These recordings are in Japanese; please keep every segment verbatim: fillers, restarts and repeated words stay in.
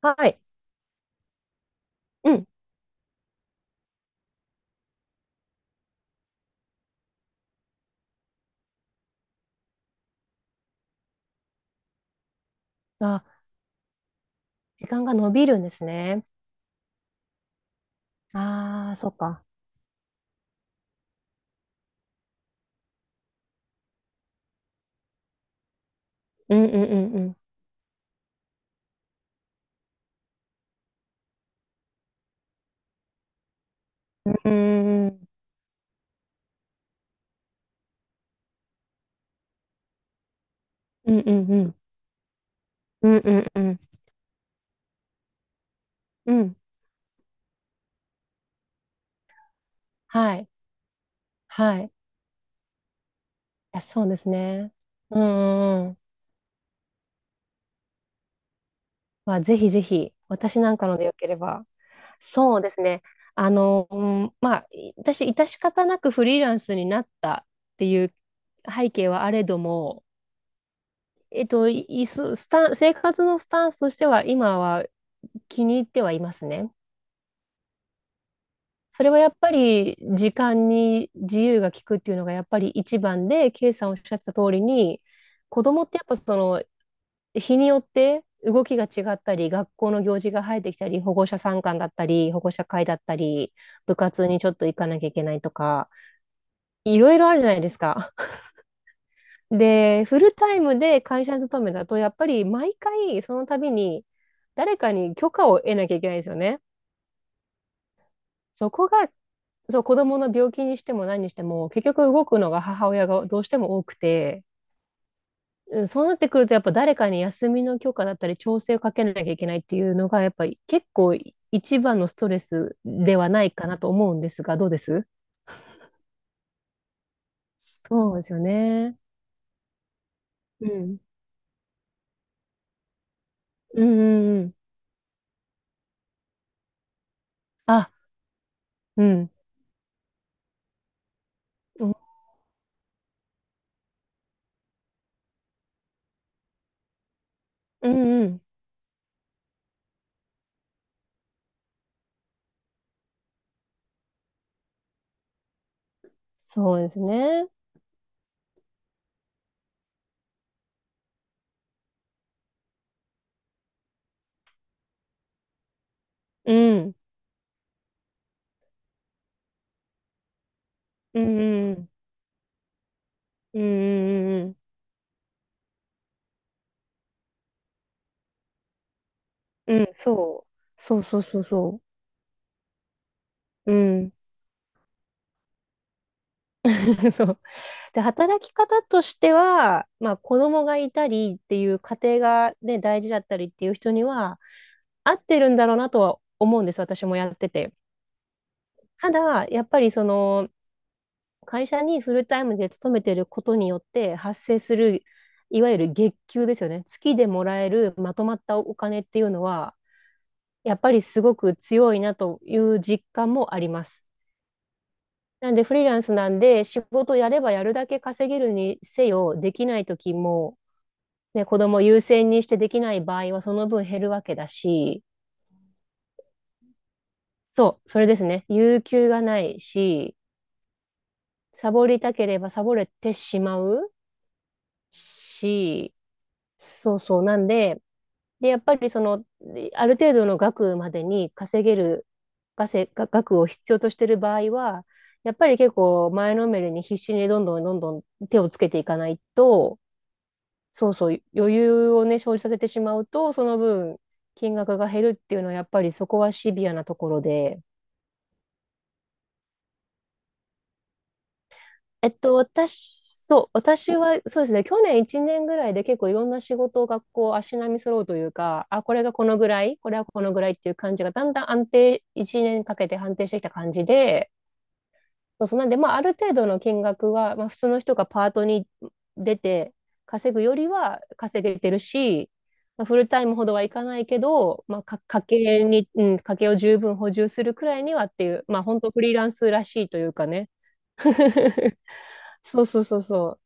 はい。うん。あ、時間が伸びるんですね。ああ、そっか。うんうんうんうん。うんうんうん。うんうんうん。うん。はい。はい。いや、そうですね。うんうんうん。まあ、ぜひぜひ、私なんかのでよければ。そうですね。あの、うんまあ、い私、致し方なくフリーランスになったっていう背景はあれども、えっと、いいすスタン、生活のスタンスとしては、今は気に入ってはいますね。それはやっぱり時間に自由が利くっていうのがやっぱり一番で、K さんおっしゃってた通りに、子供ってやっぱその日によって動きが違ったり、学校の行事が生えてきたり、保護者参観だったり、保護者会だったり、部活にちょっと行かなきゃいけないとか、いろいろあるじゃないですか。で、フルタイムで会社に勤めだと、やっぱり毎回その度に誰かに許可を得なきゃいけないんですよね。そこがそう、子供の病気にしても何にしても、結局動くのが母親がどうしても多くて、うんそうなってくると、やっぱ誰かに休みの許可だったり、調整をかけなきゃいけないっていうのが、やっぱり結構一番のストレスではないかなと思うんですが、どうです？そうですよね。うん。うんうんうん。あ、うん。うんうんうん。そうですね。うん。うんうんうん。うんうんうんうん。うん、そう。そうそうそうそう。うん。そう。で、働き方としては、まあ、子供がいたりっていう家庭が、ね、大事だったりっていう人には合ってるんだろうなとは思うんです、私もやってて。ただやっぱりその会社にフルタイムで勤めてることによって発生するいわゆる月給ですよね、月でもらえるまとまったお金っていうのはやっぱりすごく強いなという実感もあります。なんでフリーランスなんで、仕事やればやるだけ稼げるにせよ、できない時も、ね、子供優先にしてできない場合はその分減るわけだし、そう、それですね。有給がないし、サボりたければサボれてしまうし、そうそう。なんで、で、やっぱりその、ある程度の額までに稼げる稼が額を必要としている場合は、やっぱり結構前のめりに必死にどんどんどんどん手をつけていかないと、そうそう、余裕をね、生じさせてしまうと、その分、金額が減るっていうのは、やっぱりそこはシビアなところで、えっと、私、そう、私は、そうですね、去年いちねんぐらいで結構いろんな仕事を学校、足並み揃うというか、あ、これがこのぐらい、これはこのぐらいっていう感じが、だんだん安定、いちねんかけて安定してきた感じで、そうそう、なんで、まあ、ある程度の金額は、まあ、普通の人がパートに出て稼ぐよりは稼げてるし、まあ、フルタイムほどはいかないけど、まあ、か、家計に、うん、家計を十分補充するくらいにはっていう、まあ、本当フリーランスらしいというかね。そうそうそうそ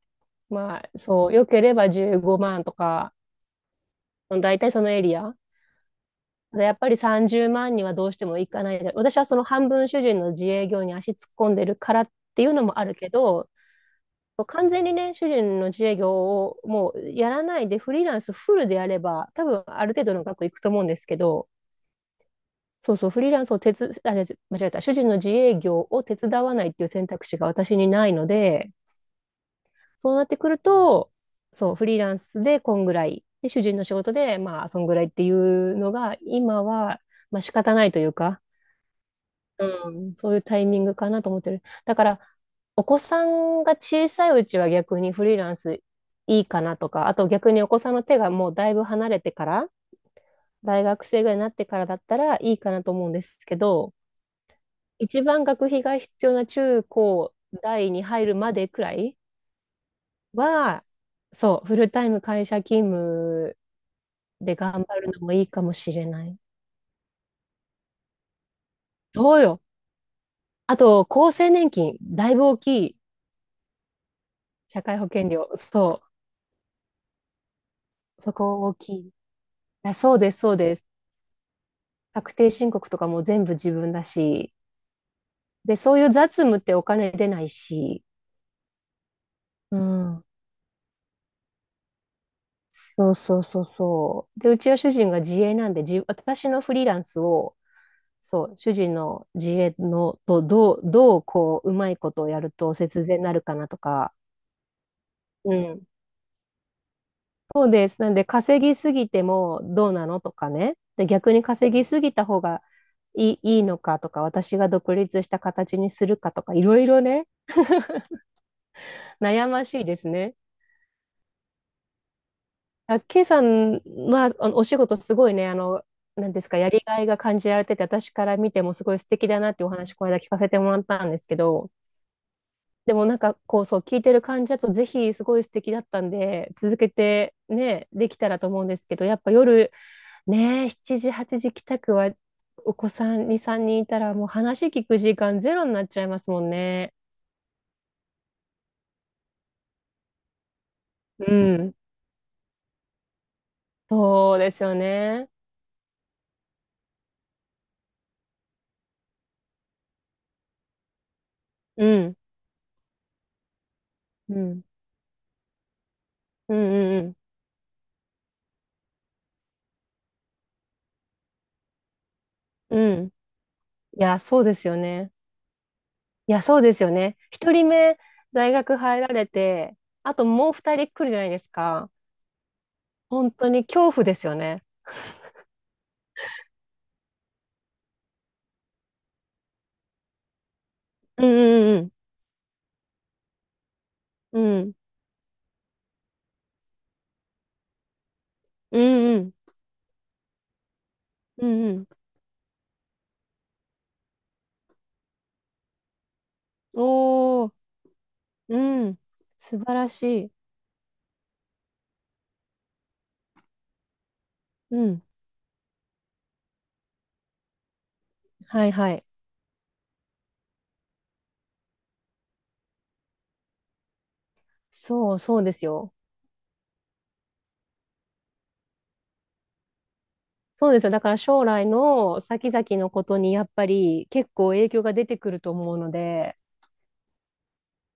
う。まあ、そう、良ければじゅうごまんとか、大体そのエリア。でやっぱりさんじゅうまんにはどうしてもいかないで。私はその半分主人の自営業に足突っ込んでるからっていうのもあるけど、完全にね、主人の自営業をもうやらないでフリーランスフルでやれば、多分ある程度の額いくと思うんですけど、そうそう、フリーランスを手つ、あ、間違えた、主人の自営業を手伝わないっていう選択肢が私にないので、そうなってくると、そう、フリーランスでこんぐらい、で、主人の仕事で、まあ、そんぐらいっていうのが、今は、まあ仕方ないというか、うん、そういうタイミングかなと思ってる。だから、お子さんが小さいうちは逆にフリーランスいいかなとか、あと逆にお子さんの手がもうだいぶ離れてから、大学生ぐらいになってからだったらいいかなと思うんですけど、一番学費が必要な中高大に入るまでくらいは、そう、フルタイム会社勤務で頑張るのもいいかもしれない。そうよ。あと、厚生年金、だいぶ大きい。社会保険料、そう、そこ大きい。あそうです、そうです。確定申告とかも全部自分だし、で、そういう雑務ってお金出ないし、うん。そうそうそうそう。で、うちは主人が自営なんで、じ、私のフリーランスを、そう、主人の自営のとどう、どうこう、うまいことをやると節税になるかなとか、うん。そうです。なんで、稼ぎすぎてもどうなのとかね。で、逆に稼ぎすぎた方がいい、いいのかとか、私が独立した形にするかとか、いろいろね、悩ましいですね。あ、K さんは、あの、お仕事すごいね、あの、なんですか、やりがいが感じられてて、私から見てもすごい素敵だなっていうお話、この間聞かせてもらったんですけど、でもなんか、こう、そう、聞いてる感じだと、ぜひ、すごい素敵だったんで、続けてね、できたらと思うんですけど、やっぱ夜、ね、しちじ、はちじ帰宅は、お子さんに、さんにんいたら、もう話聞く時間ゼロになっちゃいますもんね。うん。そうですよね。うん。うん。うんうんうん。うん。いや、そうですよね。いや、そうですよね。一人目、大学入られて、あともう二人来るじゃないですか。本当に恐怖ですよね。うんうんうんうん。うんうんうんうん。おー、うん。素晴らしい。うん。はいはい。そうそうですよ。そうですよ。だから将来の先々のことにやっぱり結構影響が出てくると思うので。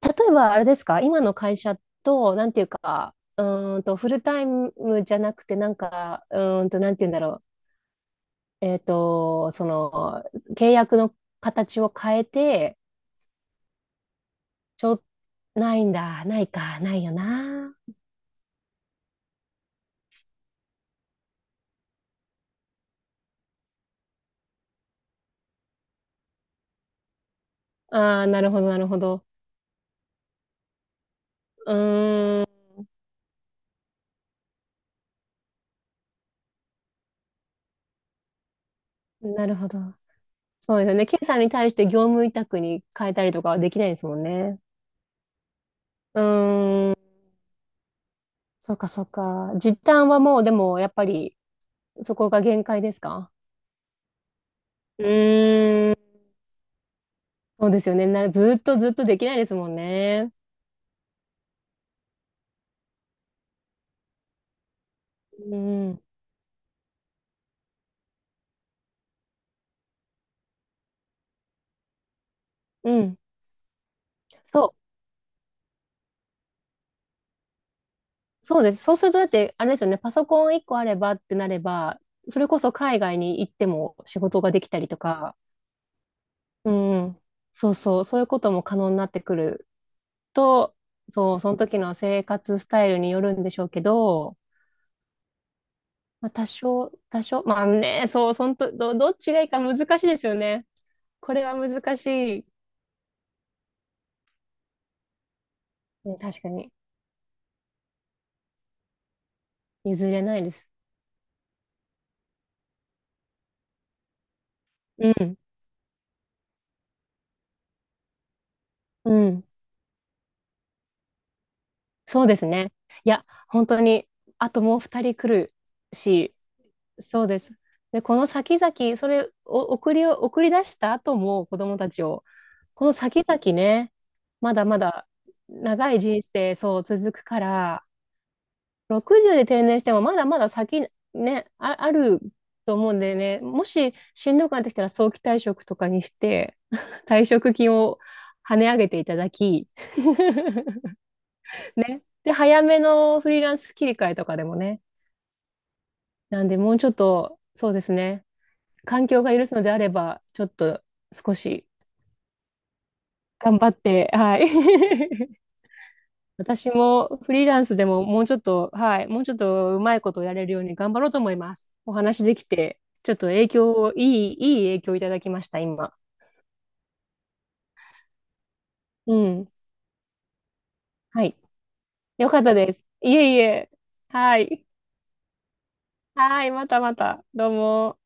例えばあれですか、今の会社と、なんていうか、うーんと、フルタイムじゃなくて、なんか、うーんと、なんていうんだろう、えっと、その、契約の形を変えて、ちょ、ないんだ、ないか、ないよな。ああ、なるほど、なるほど。うーん、なるほど。そうですよね。ケイさんに対して業務委託に変えたりとかはできないですもんね。うーん、そうか、そうか。実態はもう、でも、やっぱり、そこが限界ですか？うーんそうですよね。な、ずっとずっとできないですもんね。うん。うん。そう。そうです。そうすると、だって、あれですよね。パソコン一個あればってなれば、それこそ海外に行っても仕事ができたりとか、うん。そうそう。そういうことも可能になってくると、そう、その時の生活スタイルによるんでしょうけど、まあ、多少、多少、まあね、そう、そんと、ど、どっちがいいか難しいですよね。これは難しい。うん、確かに。譲れないです。うん。うん。そうですね。いや、本当に、あともう二人来るし、そうです。で、この先々、それを送りを、送り出した後も子供たちを、この先々ね、まだまだ長い人生、そう、続くから、ろくじゅうで定年してもまだまだ先、ね、あ、あると思うんでね、もししんどくなってきたら早期退職とかにして、退職金を跳ね上げていただき、ね。で、早めのフリーランス切り替えとかでもね。なんで、もうちょっと、そうですね。環境が許すのであれば、ちょっと少し頑張って、はい。私もフリーランスでももうちょっと、はい、もうちょっとうまいことをやれるように頑張ろうと思います。お話できて、ちょっと影響を、いい、いい影響をいただきました、今。うん。はい。よかったです。いえいえ。はい。はい、またまた。どうも。